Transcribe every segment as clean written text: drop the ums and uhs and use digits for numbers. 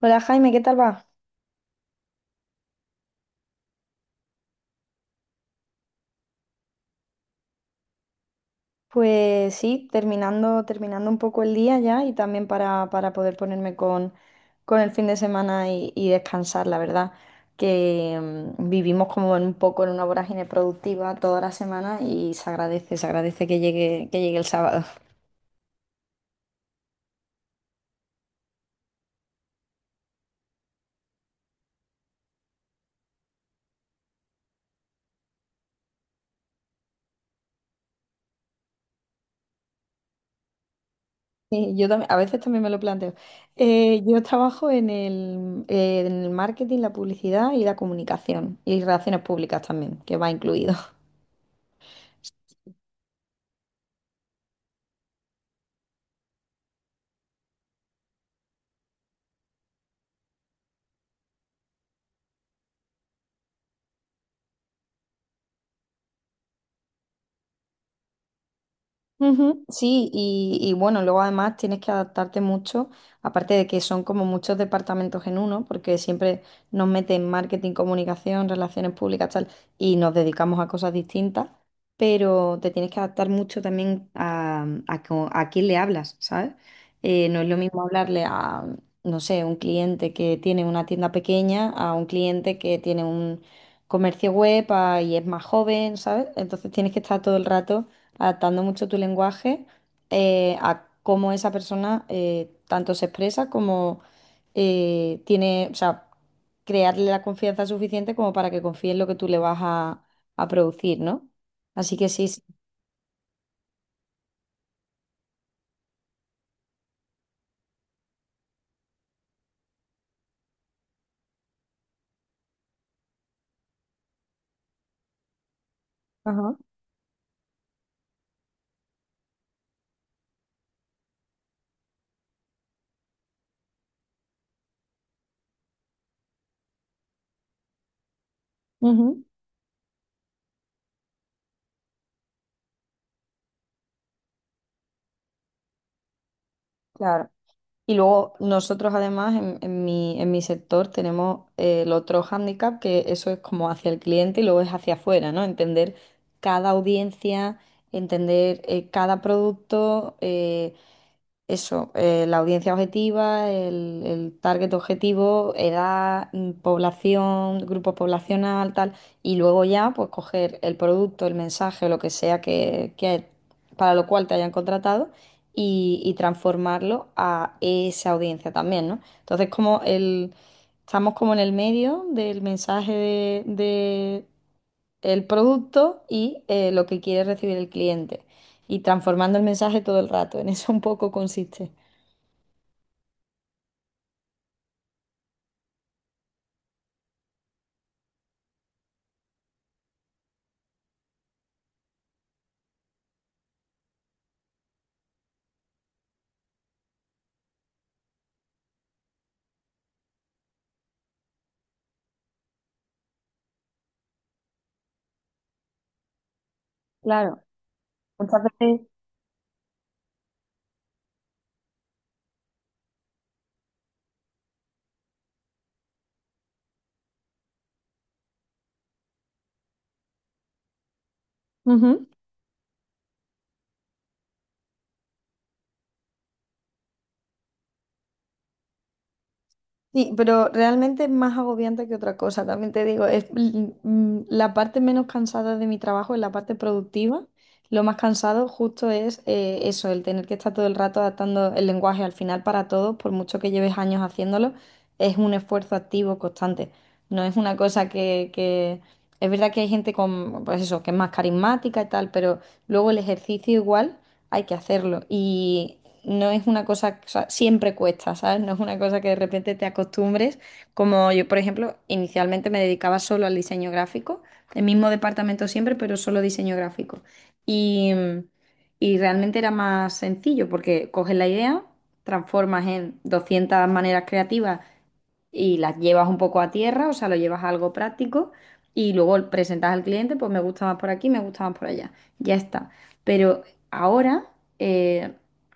Hola Jaime, ¿qué tal va? Pues sí, terminando un poco el día ya y también para poder ponerme con el fin de semana y descansar, la verdad, que vivimos como en un poco en una vorágine productiva toda la semana y se agradece que llegue el sábado. Sí, yo también, a veces también me lo planteo. Yo trabajo en el marketing, la publicidad y la comunicación y relaciones públicas también, que va incluido. Ujú. Sí, y bueno, luego además tienes que adaptarte mucho, aparte de que son como muchos departamentos en uno, porque siempre nos meten marketing, comunicación, relaciones públicas, tal, y nos dedicamos a cosas distintas, pero te tienes que adaptar mucho también a quién le hablas, ¿sabes? No es lo mismo hablarle a, no sé, un cliente que tiene una tienda pequeña, a un cliente que tiene un comercio web y es más joven, ¿sabes? Entonces tienes que estar todo el rato adaptando mucho tu lenguaje a cómo esa persona tanto se expresa como tiene, o sea, crearle la confianza suficiente como para que confíe en lo que tú le vas a producir, ¿no? Así que sí, sí. Ajá. Ujú, claro. Y luego nosotros además en mi sector tenemos el otro hándicap, que eso es como hacia el cliente y luego es hacia afuera, ¿no? Entender cada audiencia, entender cada producto. Eso, la audiencia objetiva, el target objetivo, edad, población, grupo poblacional, tal, y luego ya pues coger el producto, el mensaje, lo que sea que para lo cual te hayan contratado y transformarlo a esa audiencia también, ¿no? Entonces como el, estamos como en el medio del mensaje de el producto y lo que quiere recibir el cliente y transformando el mensaje todo el rato, en eso un poco consiste. Claro, muchas veces. Ujú. Sí, pero realmente es más agobiante que otra cosa, también te digo, es la parte menos cansada de mi trabajo es la parte productiva. Lo más cansado justo es eso, el tener que estar todo el rato adaptando el lenguaje al final para todos, por mucho que lleves años haciéndolo, es un esfuerzo activo constante. No es una cosa que... Es verdad que hay gente con, pues eso, que es más carismática y tal, pero luego el ejercicio igual hay que hacerlo. Y no es una cosa, o sea, siempre cuesta, ¿sabes? No es una cosa que de repente te acostumbres. Como yo, por ejemplo, inicialmente me dedicaba solo al diseño gráfico, el mismo departamento siempre, pero solo diseño gráfico. Y, y realmente era más sencillo porque coges la idea, transformas en 200 maneras creativas y las llevas un poco a tierra, o sea, lo llevas a algo práctico y luego presentas al cliente, pues me gusta más por aquí, me gusta más por allá. Ya está. Pero ahora eh,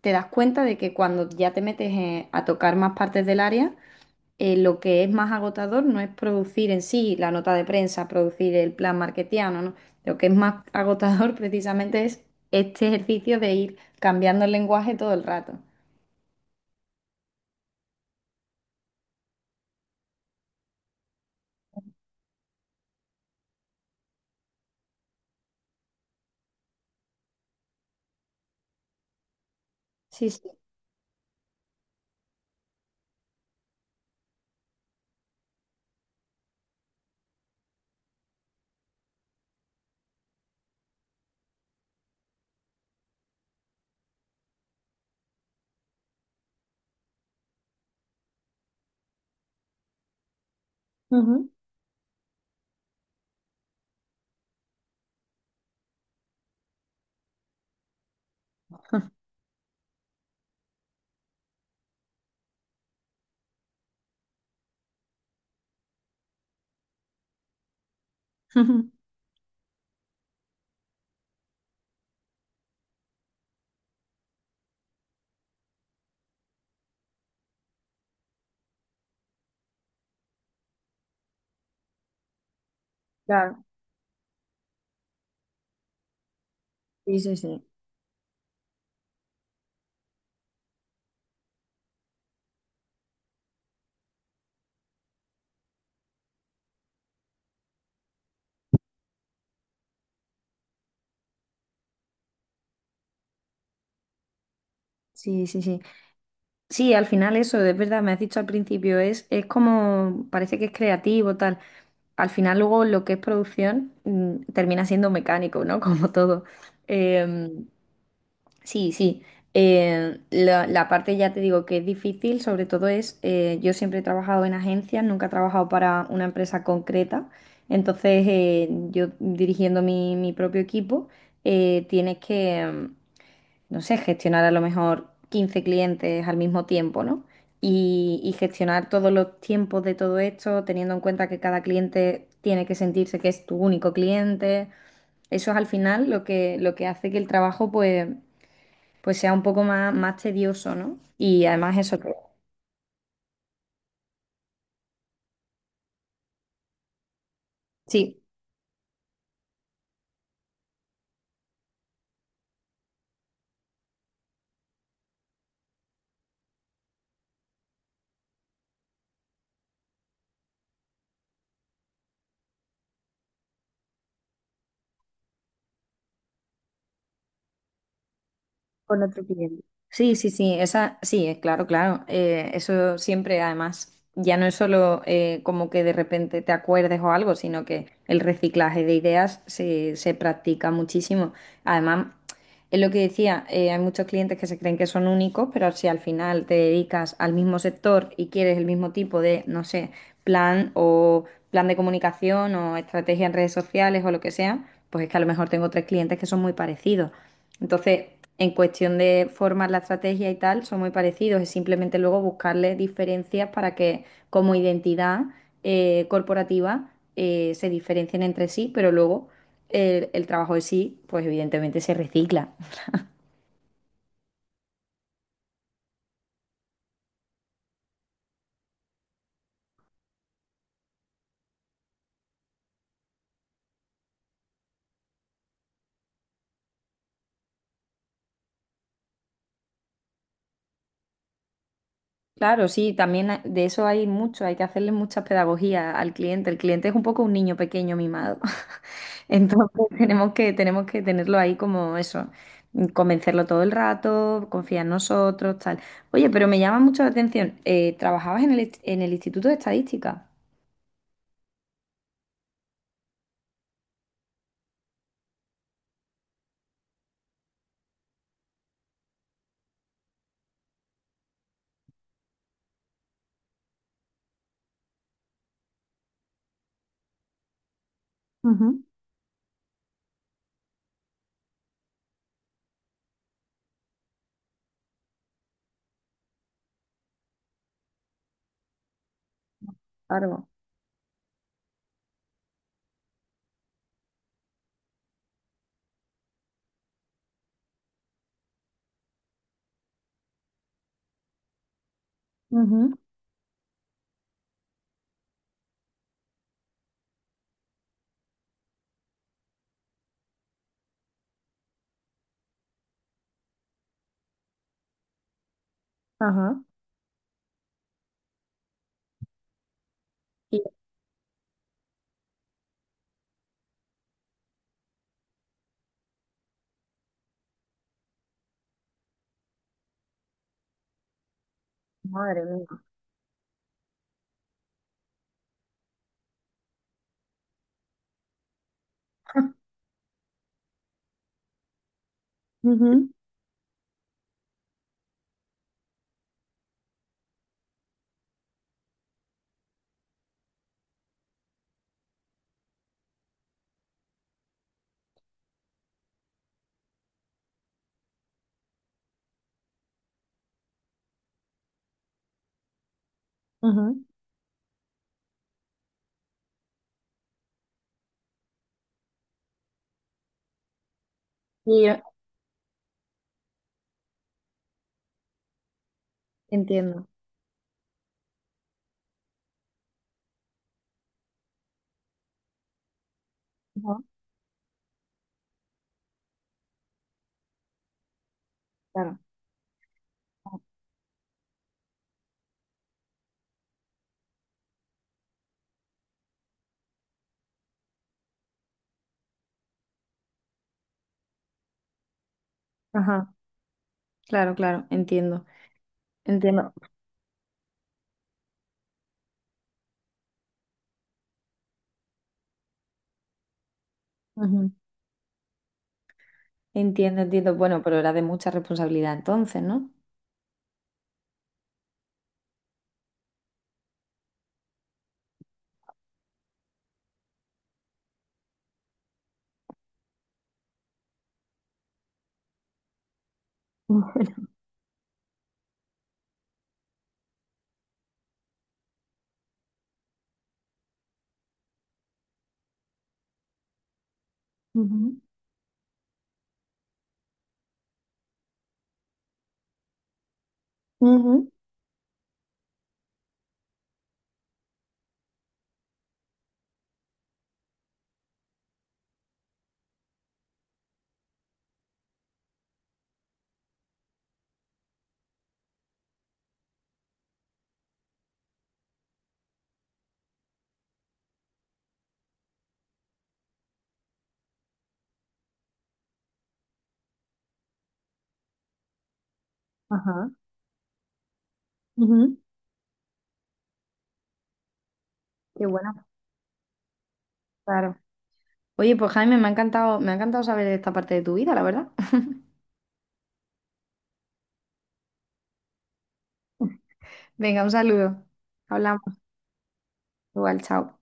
te das cuenta de que cuando ya te metes a tocar más partes del área, lo que es más agotador no es producir en sí la nota de prensa, producir el plan marketiano, ¿no? Lo que es más agotador precisamente es este ejercicio de ir cambiando el lenguaje todo el rato. Sí, sí. Ujú. Claro, sí, sí, sí. Sí, sí, sí. Sí, al final eso, es verdad, me has dicho al principio, es como, parece que es creativo, tal. Al final luego lo que es producción termina siendo mecánico, ¿no? Como todo. Eh, sí, sí. La, la parte ya te digo que es difícil, sobre todo es, yo siempre he trabajado en agencias, nunca he trabajado para una empresa concreta. Entonces, yo dirigiendo mi, mi propio equipo, tienes que, no sé, gestionar a lo mejor 15 clientes al mismo tiempo, ¿no? Y gestionar todos los tiempos de todo esto, teniendo en cuenta que cada cliente tiene que sentirse que es tu único cliente. Eso es al final lo que hace que el trabajo pues, pues sea un poco más, más tedioso, ¿no? Y además eso que... Sí. Con otro cliente. Sí, sí, sí, esa, sí, claro, claro. Eso siempre, además, ya no es solo como que de repente te acuerdes o algo, sino que el reciclaje de ideas se, se practica muchísimo. Además, es lo que decía, hay muchos clientes que se creen que son únicos, pero si al final te dedicas al mismo sector y quieres el mismo tipo de, no sé, plan o plan de comunicación o estrategia en redes sociales o lo que sea, pues es que a lo mejor tengo tres clientes que son muy parecidos. Entonces, en cuestión de formar la estrategia y tal, son muy parecidos. Es simplemente luego buscarle diferencias para que como identidad corporativa se diferencien entre sí, pero luego el trabajo en sí, pues evidentemente se recicla. Claro, sí, también de eso hay mucho, hay que hacerle mucha pedagogía al cliente. El cliente es un poco un niño pequeño mimado. Entonces tenemos que tenerlo ahí como eso, convencerlo todo el rato, confía en nosotros, tal. Oye, pero me llama mucho la atención, trabajabas en el, en el Instituto de Estadística. Ujú. Claro. Ujú. Ajá. Y, madre mía. Ujú. Ujú. Y yo entiendo. Ujú, claro. Ajá, claro, claro, entiendo, entiendo. Entiendo, entiendo. Bueno, pero era de mucha responsabilidad entonces, ¿no? Ujú. Ujú. Ajá. Ujú. Qué bueno, claro. Oye, pues Jaime, me ha encantado saber esta parte de tu vida, la verdad. Venga, un saludo. Hablamos igual, chao.